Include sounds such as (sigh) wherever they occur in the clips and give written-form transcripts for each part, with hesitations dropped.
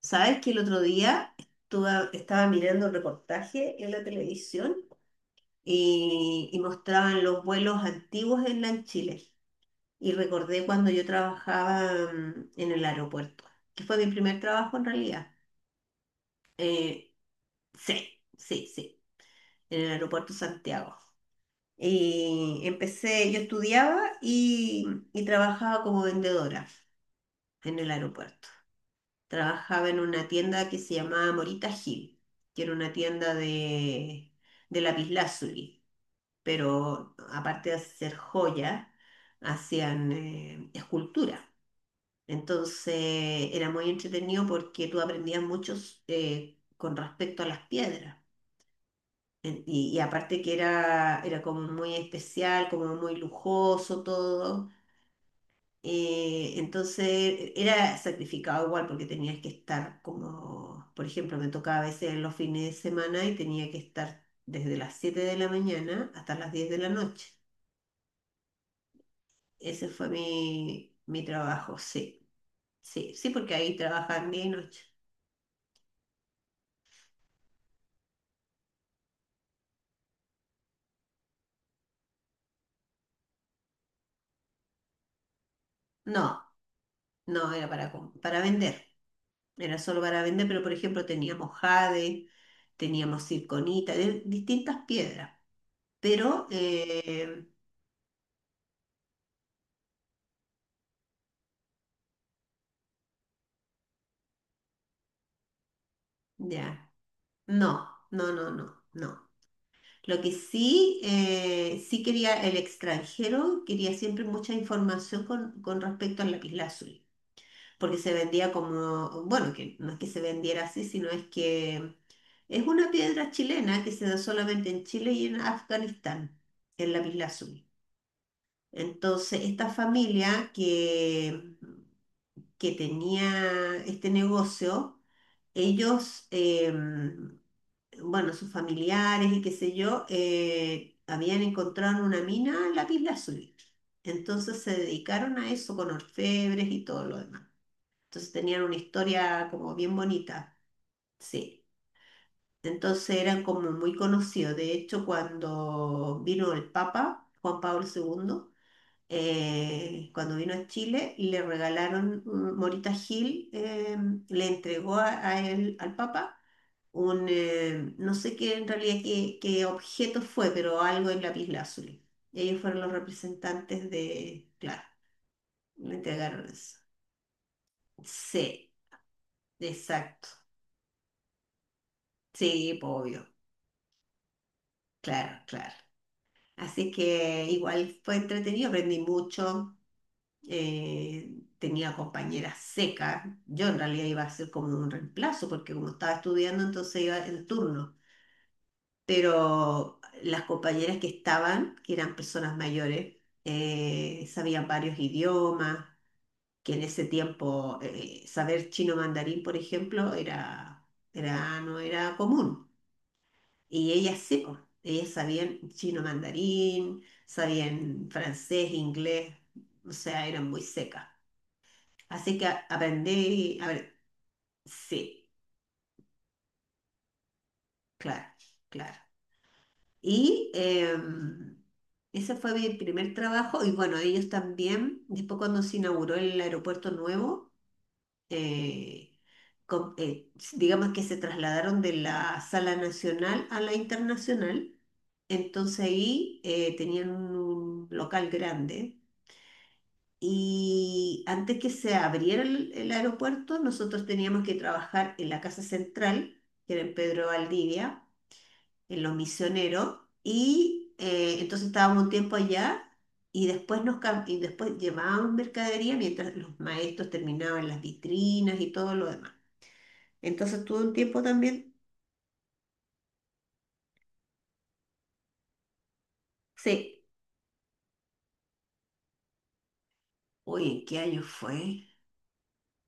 ¿Sabes que el otro día estaba mirando un reportaje en la televisión y mostraban los vuelos antiguos en LAN Chile? Y recordé cuando yo trabajaba en el aeropuerto, que fue mi primer trabajo en realidad. Eh, sí, sí, sí, en el aeropuerto Santiago. Y empecé, yo estudiaba y trabajaba como vendedora en el aeropuerto. Trabajaba en una tienda que se llamaba Morita Gil, que era una tienda de lapislázuli, pero aparte de hacer joyas, hacían escultura. Entonces era muy entretenido porque tú aprendías mucho con respecto a las piedras. Y aparte que era como muy especial, como muy lujoso todo. Entonces era sacrificado igual porque tenías que estar como, por ejemplo, me tocaba a veces los fines de semana y tenía que estar desde las 7 de la mañana hasta las 10 de la noche. Ese fue mi trabajo, sí, sí, sí, porque ahí trabajaban día y noche. No, no era para vender, era solo para vender, pero por ejemplo teníamos jade, teníamos circonita, de distintas piedras, pero ya, no, no, no, no, no. Lo que sí, sí quería el extranjero, quería siempre mucha información con respecto al lapislázuli, porque se vendía como, bueno, que no es que se vendiera así, sino es que es una piedra chilena que se da solamente en Chile y en Afganistán, el lapislázuli. Entonces, esta familia que tenía este negocio, ellos, bueno, sus familiares y qué sé yo, habían encontrado en una mina lapislázuli. Entonces se dedicaron a eso con orfebres y todo lo demás. Entonces tenían una historia como bien bonita, sí. Entonces eran como muy conocidos. De hecho, cuando vino el Papa, Juan Pablo II, cuando vino a Chile, le regalaron, Morita Gil le entregó a él, al Papa no sé qué en realidad qué objeto fue, pero algo en lapislázuli. Y ellos fueron los representantes de, claro, le entregaron eso. Sí, exacto. Sí, po, obvio. Claro, claro. Así que igual fue entretenido, aprendí mucho. Tenía compañeras secas. Yo en realidad iba a ser como un reemplazo, porque como estaba estudiando, entonces iba en turno. Pero las compañeras que estaban, que eran personas mayores, sabían varios idiomas, que en ese tiempo saber chino mandarín, por ejemplo, no era común. Y ellas sí, po, ellas sabían chino mandarín, sabían francés, inglés, o sea, eran muy secas. Así que aprendí, a ver, sí, claro, claro. Y ese fue mi primer trabajo y bueno, ellos también, después cuando se inauguró el aeropuerto nuevo, eh, com- eh, digamos que se trasladaron de la sala nacional a la internacional, entonces ahí tenían un local grande. Y antes que se abriera el aeropuerto, nosotros teníamos que trabajar en la Casa Central, que era en Pedro Valdivia, en Los Misioneros, y entonces estábamos un tiempo allá y después, llevábamos mercadería mientras los maestros terminaban las vitrinas y todo lo demás. Entonces tuve un tiempo también, sí, oye, ¿en qué año fue?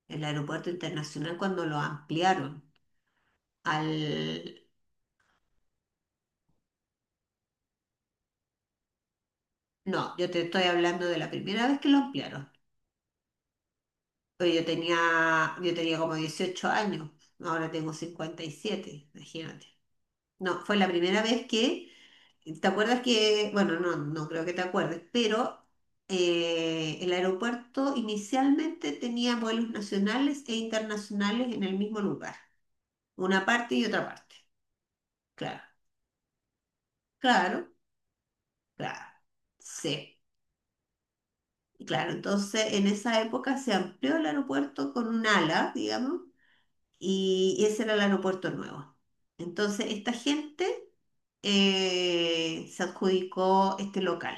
El aeropuerto internacional cuando lo ampliaron al... No, yo te estoy hablando de la primera vez que lo ampliaron. Oye, yo tenía como 18 años, ahora tengo 57, imagínate. No, fue la primera vez que, ¿te acuerdas que, bueno, no, no creo que te acuerdes, pero el aeropuerto inicialmente tenía vuelos nacionales e internacionales en el mismo lugar, una parte y otra parte? Claro, claro, claro. Sí, claro. Entonces, en esa época se amplió el aeropuerto con un ala, digamos, y ese era el aeropuerto nuevo. Entonces, esta gente se adjudicó este local.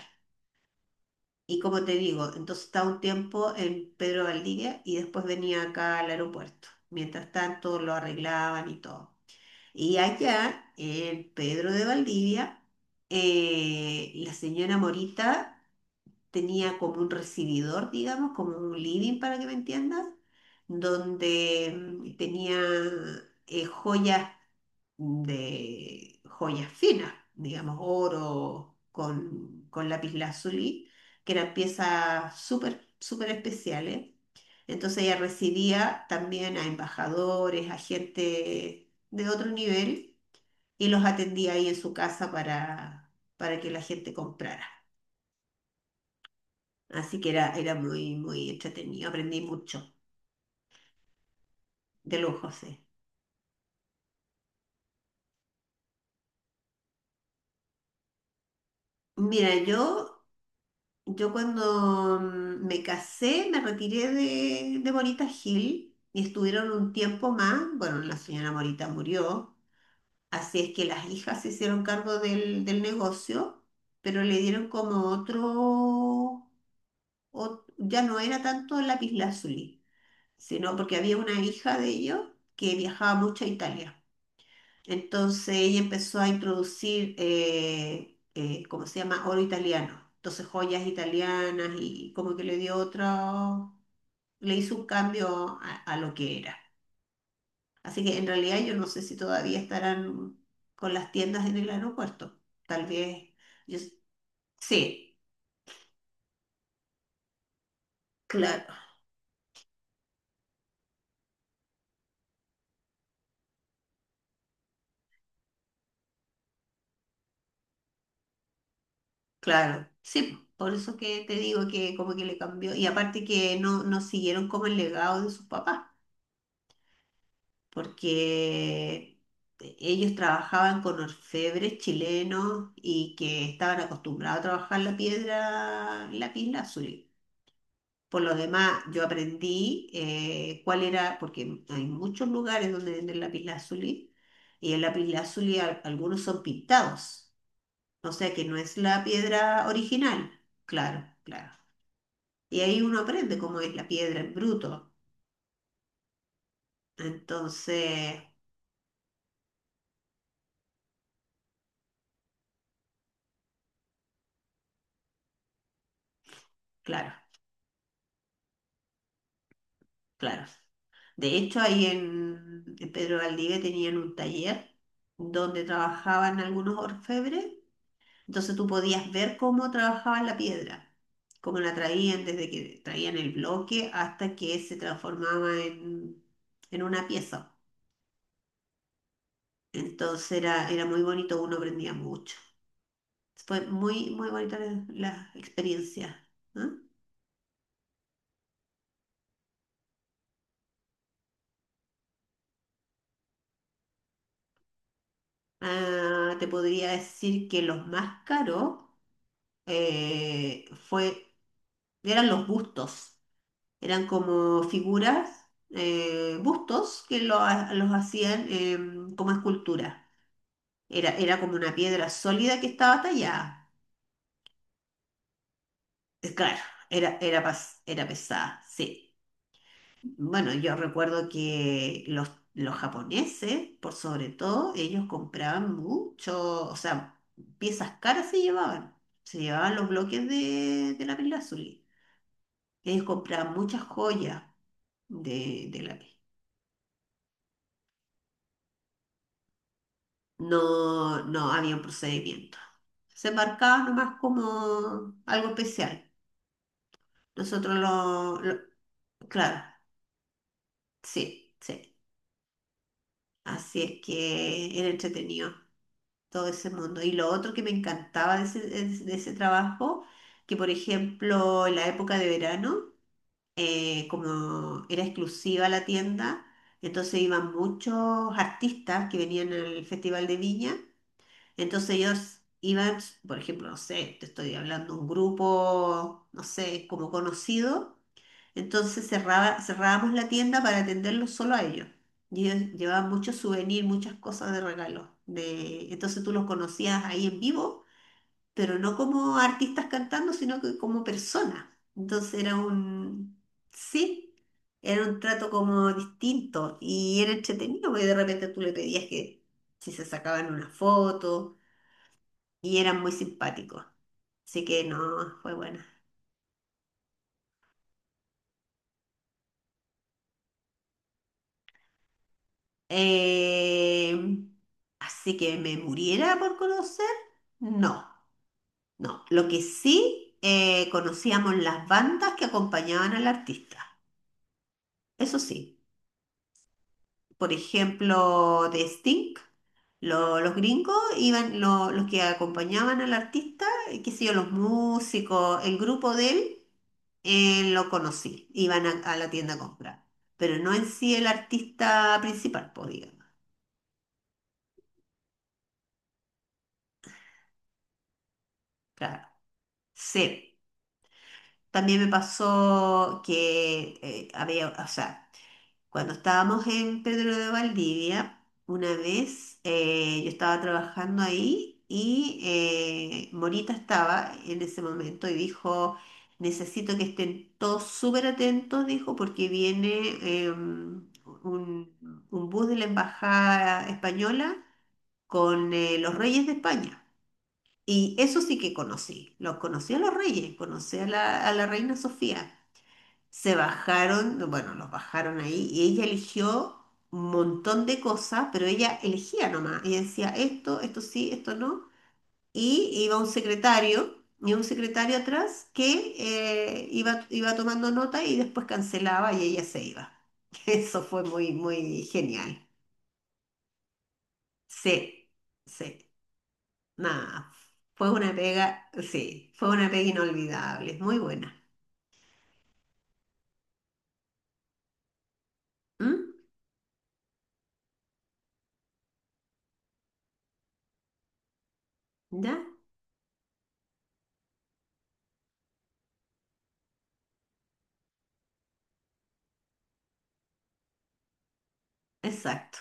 Y como te digo, entonces estaba un tiempo en Pedro Valdivia y después venía acá al aeropuerto. Mientras tanto, lo arreglaban y todo. Y allá, en Pedro de Valdivia, la señora Morita tenía como un recibidor, digamos, como un living, para que me entiendas, donde tenía joyas de joyas finas, digamos, oro con lapislázuli, que eran piezas súper, súper especiales. Entonces ella recibía también a embajadores, a gente de otro nivel y los atendía ahí en su casa para que la gente comprara. Así que era muy, muy entretenido, aprendí mucho de lujo, sí. Mira, yo cuando me casé, me retiré de Morita Hill y estuvieron un tiempo más. Bueno, la señora Morita murió, así es que las hijas se hicieron cargo del negocio, pero le dieron como otro, ya no era tanto lapislázuli, sino porque había una hija de ellos que viajaba mucho a Italia. Entonces ella empezó a introducir, ¿cómo se llama? Oro italiano. Entonces joyas italianas y como que le dio otro, le hizo un cambio a lo que era. Así que en realidad yo no sé si todavía estarán con las tiendas en el aeropuerto. Tal vez, yo s- sí, claro, claro, sí. Por eso que te digo que como que le cambió. Y aparte que no, no siguieron como el legado de sus papás, porque ellos trabajaban con orfebres chilenos y que estaban acostumbrados a trabajar la piedra lapislázuli. Por lo demás, yo aprendí cuál era, porque hay muchos lugares donde venden lapislázuli y el lapislázuli, algunos son pintados, o sea que no es la piedra original, claro, claro. Y ahí uno aprende cómo es la piedra en bruto. Entonces, claro. Claro. De hecho, ahí en Pedro Valdivia tenían un taller donde trabajaban algunos orfebres, entonces tú podías ver cómo trabajaban la piedra, cómo la traían desde que traían el bloque hasta que se transformaba en una pieza. Entonces era muy bonito, uno aprendía mucho. Fue muy, muy bonita la experiencia, ¿no? Ah, te podría decir que los más caros fue eran los bustos, eran como figuras, bustos que los hacían como escultura. Era como una piedra sólida que estaba tallada. Claro, era pesada, sí. Bueno, yo recuerdo que los japoneses, por sobre todo, ellos compraban mucho, o sea, piezas caras se llevaban. Se llevaban los bloques de lápiz lazuli. Ellos compraban muchas joyas de lápiz. No, no había un procedimiento. Se marcaba nomás como algo especial. Nosotros lo, lo-. Claro, sí, sí. Así es que era entretenido todo ese mundo. Y lo otro que me encantaba de ese, trabajo, que por ejemplo en la época de verano, como era exclusiva la tienda, entonces iban muchos artistas que venían al Festival de Viña. Entonces ellos iban, por ejemplo, no sé, te estoy hablando un grupo, no sé, como conocido, entonces cerrábamos la tienda para atenderlos solo a ellos. Y ellos llevaban muchos souvenirs, muchas cosas de regalo. De... Entonces tú los conocías ahí en vivo, pero no como artistas cantando, sino que como personas. Entonces, sí, era un trato como distinto y era entretenido, porque de repente tú le pedías que si se sacaban una foto y eran muy simpáticos. Así que no, fue buena. Eh, así que me muriera por conocer, no, no. Lo que sí, conocíamos las bandas que acompañaban al artista. Eso sí. Por ejemplo, de Sting, los gringos iban, los que acompañaban al artista, qué sé yo, los músicos, el grupo de él, lo conocí, iban a la tienda a comprar, pero no en sí el artista principal, pues, digamos, claro, sí. También me pasó que había, o sea, cuando estábamos en Pedro de Valdivia, una vez yo estaba trabajando ahí y Morita estaba en ese momento y dijo, necesito que estén todos súper atentos, dijo, porque viene eh, un, un bus de la Embajada Española con los reyes de España. Y eso sí que conocí, los conocí a los reyes, conocí a la reina Sofía. Se bajaron, bueno, los bajaron ahí y ella eligió un montón de cosas, pero ella elegía nomás. Ella decía esto, esto sí, esto no. Y iba un secretario, y un secretario atrás que iba tomando nota y después cancelaba y ella se iba. (laughs) Eso fue muy, muy genial. Sí, sí, nada. Fue una pega, sí, fue una pega inolvidable, muy buena. ¿Mm? ¿Ya? Exacto.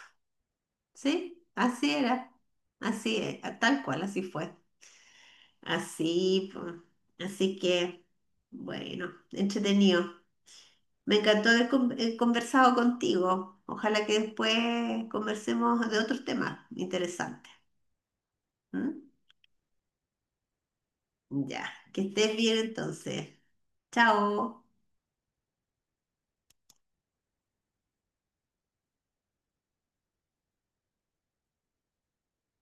Sí, así era. Así es, tal cual, así fue. Así, po. Así que, bueno, entretenido. Me encantó haber conversado contigo. Ojalá que después conversemos de otros temas interesantes. ¿M? Ya, que estés bien entonces. Chao.